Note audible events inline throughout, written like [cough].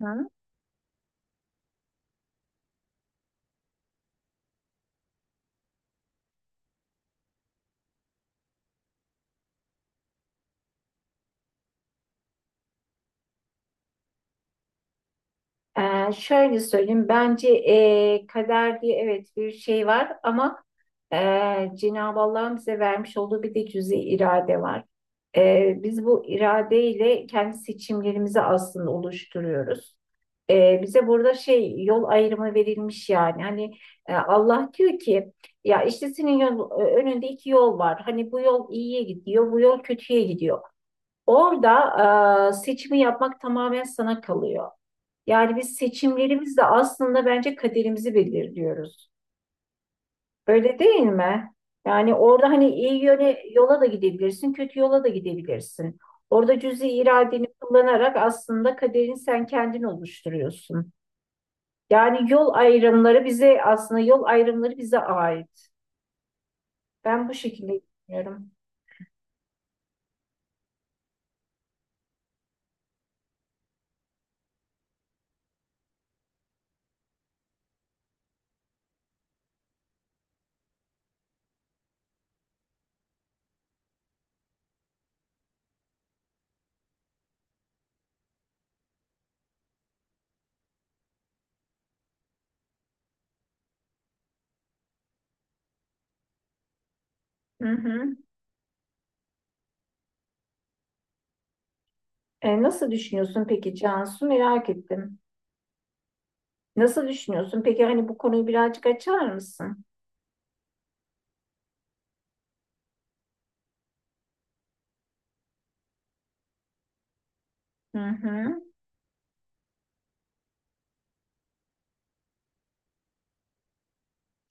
Hı? Şöyle söyleyeyim, bence kader diye evet bir şey var ama e, Cenab-ı Allah'ın bize vermiş olduğu bir de cüzi irade var. Biz bu iradeyle kendi seçimlerimizi aslında oluşturuyoruz. Bize burada şey yol ayrımı verilmiş yani. Hani Allah diyor ki ya işte senin yol, önünde iki yol var. Hani bu yol iyiye gidiyor, bu yol kötüye gidiyor. Orada seçimi yapmak tamamen sana kalıyor. Yani biz seçimlerimizle aslında bence kaderimizi belirliyoruz. Öyle değil mi? Yani orada hani iyi yöne, yola da gidebilirsin, kötü yola da gidebilirsin. Orada cüzi iradeni kullanarak aslında kaderini sen kendin oluşturuyorsun. Yani yol ayrımları bize ait. Ben bu şekilde düşünüyorum. Hı hı. Nasıl düşünüyorsun peki Cansu? Merak ettim. Nasıl düşünüyorsun? Peki hani bu konuyu birazcık açar mısın? Hı hı.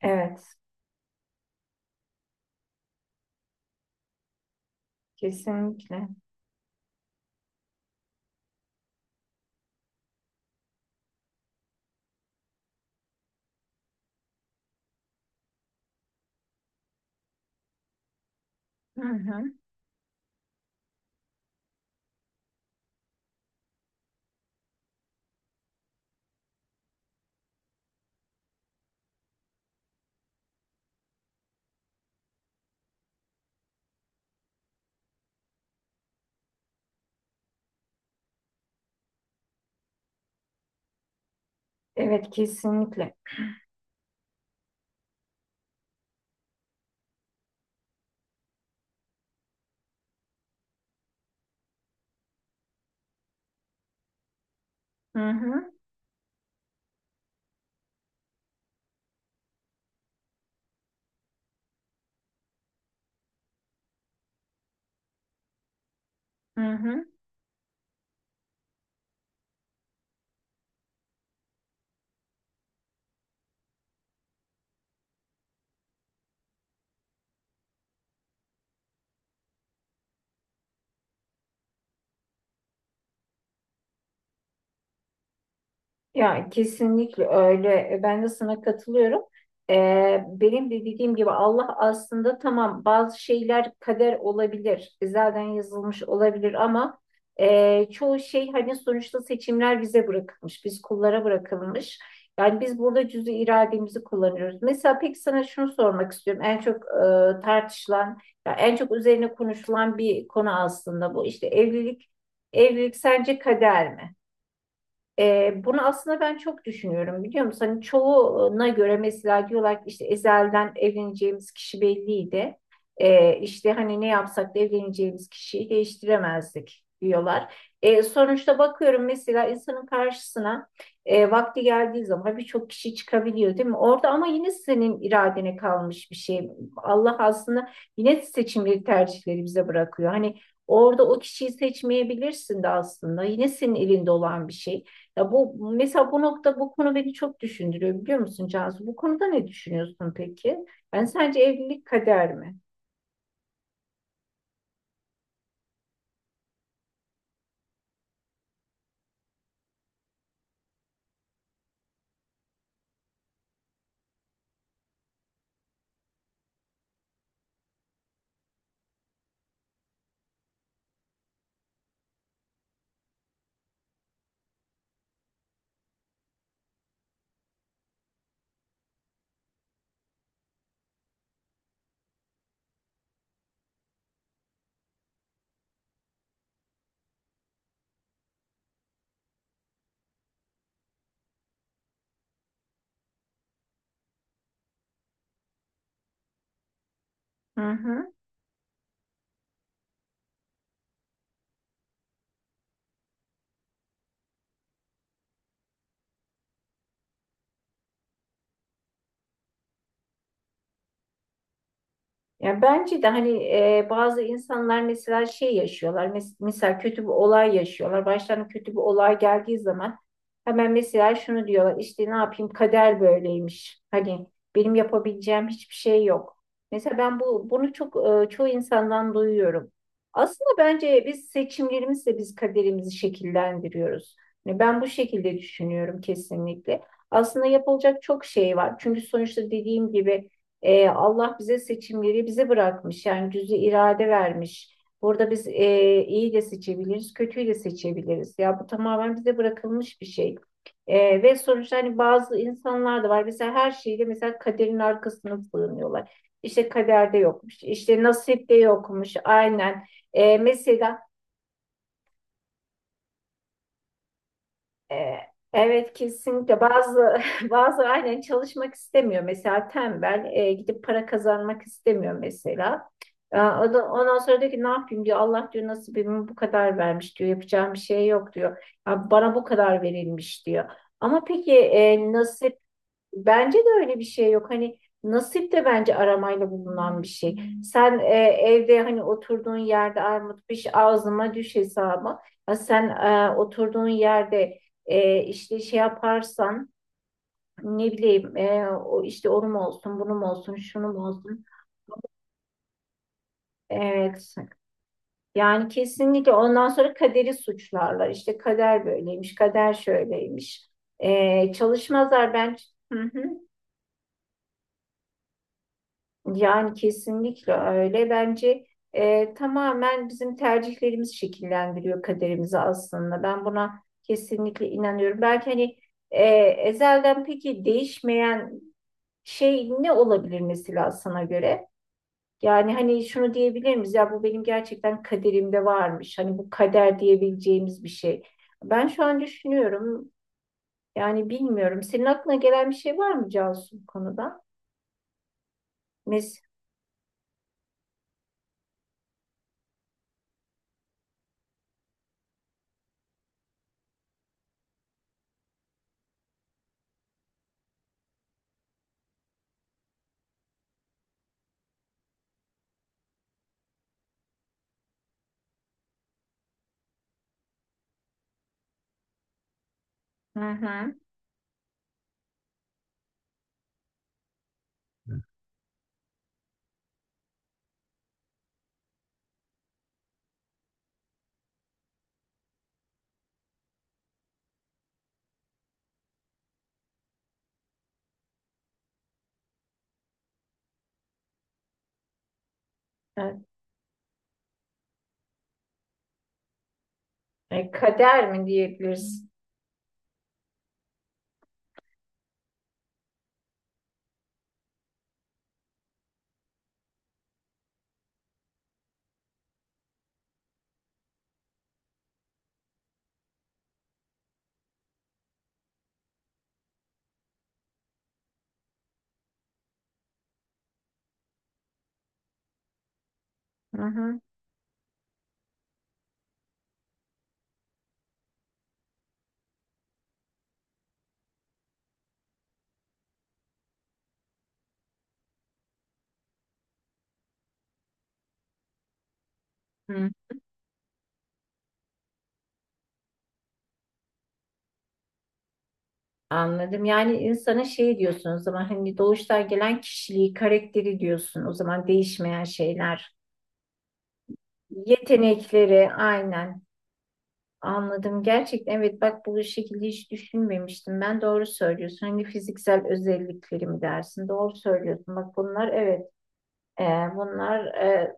Evet. Kesinlikle. Hı hı. Evet, kesinlikle. Hı hı. Hı hı. Ya kesinlikle öyle. Ben de sana katılıyorum. Benim de dediğim gibi Allah aslında tamam bazı şeyler kader olabilir. Zaten yazılmış olabilir ama çoğu şey hani sonuçta seçimler bize bırakılmış. Biz kullara bırakılmış. Yani biz burada cüz'i irademizi kullanıyoruz. Mesela peki sana şunu sormak istiyorum. En çok tartışılan, ya en çok üzerine konuşulan bir konu aslında bu. İşte evlilik, evlilik sence kader mi? Bunu aslında ben çok düşünüyorum biliyor musun? Hani çoğuna göre mesela diyorlar ki işte ezelden evleneceğimiz kişi belliydi. İşte hani ne yapsak da evleneceğimiz kişiyi değiştiremezdik diyorlar. Sonuçta bakıyorum mesela insanın karşısına vakti geldiği zaman birçok kişi çıkabiliyor değil mi? Orada ama yine senin iradene kalmış bir şey. Allah aslında yine seçimleri tercihleri bize bırakıyor. Hani orada o kişiyi seçmeyebilirsin de aslında. Yine senin elinde olan bir şey. Ya bu mesela bu nokta bu konu beni çok düşündürüyor biliyor musun Cansu? Bu konuda ne düşünüyorsun peki? Ben sence evlilik kader mi? Hı hı. Ya bence de hani bazı insanlar mesela şey yaşıyorlar. Mesela kötü bir olay yaşıyorlar. Başlarına kötü bir olay geldiği zaman hemen mesela şunu diyorlar. İşte ne yapayım kader böyleymiş. Hani benim yapabileceğim hiçbir şey yok. Mesela ben bunu çok çoğu insandan duyuyorum. Aslında bence biz seçimlerimizle kaderimizi şekillendiriyoruz. Yani ben bu şekilde düşünüyorum kesinlikle. Aslında yapılacak çok şey var. Çünkü sonuçta dediğim gibi Allah bize seçimleri bırakmış. Yani cüzi irade vermiş. Burada biz iyi de seçebiliriz, kötüyü de seçebiliriz. Ya bu tamamen bize bırakılmış bir şey. Ve sonuçta hani bazı insanlar da var. Mesela her şeyde mesela kaderin arkasına sığınıyorlar. İşte kaderde yokmuş, işte nasipte yokmuş. Aynen. E, mesela E, Evet kesinlikle bazı [laughs] bazı aynen çalışmak istemiyor mesela tembel gidip para kazanmak istemiyor mesela. Ondan sonra diyor ki ne yapayım diyor Allah diyor nasibimi bu kadar vermiş diyor yapacağım bir şey yok diyor. Ya bana bu kadar verilmiş diyor. Ama peki bence de öyle bir şey yok. Hani nasip de bence aramayla bulunan bir şey. Sen evde hani oturduğun yerde armut piş ağzıma düş hesabı. Ya sen oturduğun yerde işte şey yaparsan ne bileyim o işte onun olsun, bunun olsun, şunun olsun. Evet. Yani kesinlikle ondan sonra kaderi suçlarlar. İşte kader böyleymiş, kader şöyleymiş. Çalışmazlar ben. Hı hı. Yani kesinlikle öyle. Bence tamamen bizim tercihlerimiz şekillendiriyor kaderimizi aslında. Ben buna kesinlikle inanıyorum. Belki hani ezelden peki değişmeyen şey ne olabilir mesela sana göre? Yani hani şunu diyebilir miyiz? Ya bu benim gerçekten kaderimde varmış. Hani bu kader diyebileceğimiz bir şey. Ben şu an düşünüyorum. Yani bilmiyorum. Senin aklına gelen bir şey var mı Cansu bu konuda? Mes. Hı hı. Evet. Kader mi diyebiliriz? Hı hı. Hı, anladım. Yani insana şey diyorsun o zaman hani doğuştan gelen kişiliği, karakteri diyorsun. O zaman değişmeyen şeyler. Yetenekleri aynen. Anladım. Gerçekten evet bak bu şekilde hiç düşünmemiştim. Ben doğru söylüyorsun. Hani fiziksel özellikleri dersin? Doğru söylüyorsun. Bak bunlar evet. E, bunlar e,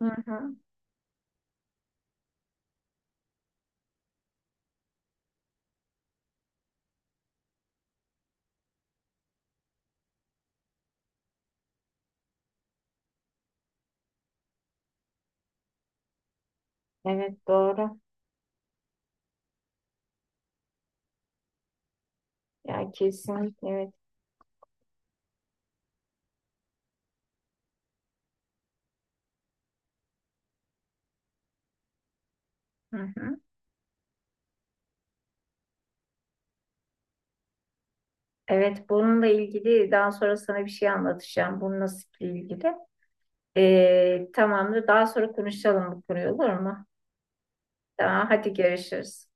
hı hı. Evet doğru. Ya kesin evet. Hı hı. Evet, bununla ilgili daha sonra sana bir şey anlatacağım. Bunun nasiple ilgili. Tamamdır. Daha sonra konuşalım bu konuyu olur mu? Tamam, hadi görüşürüz.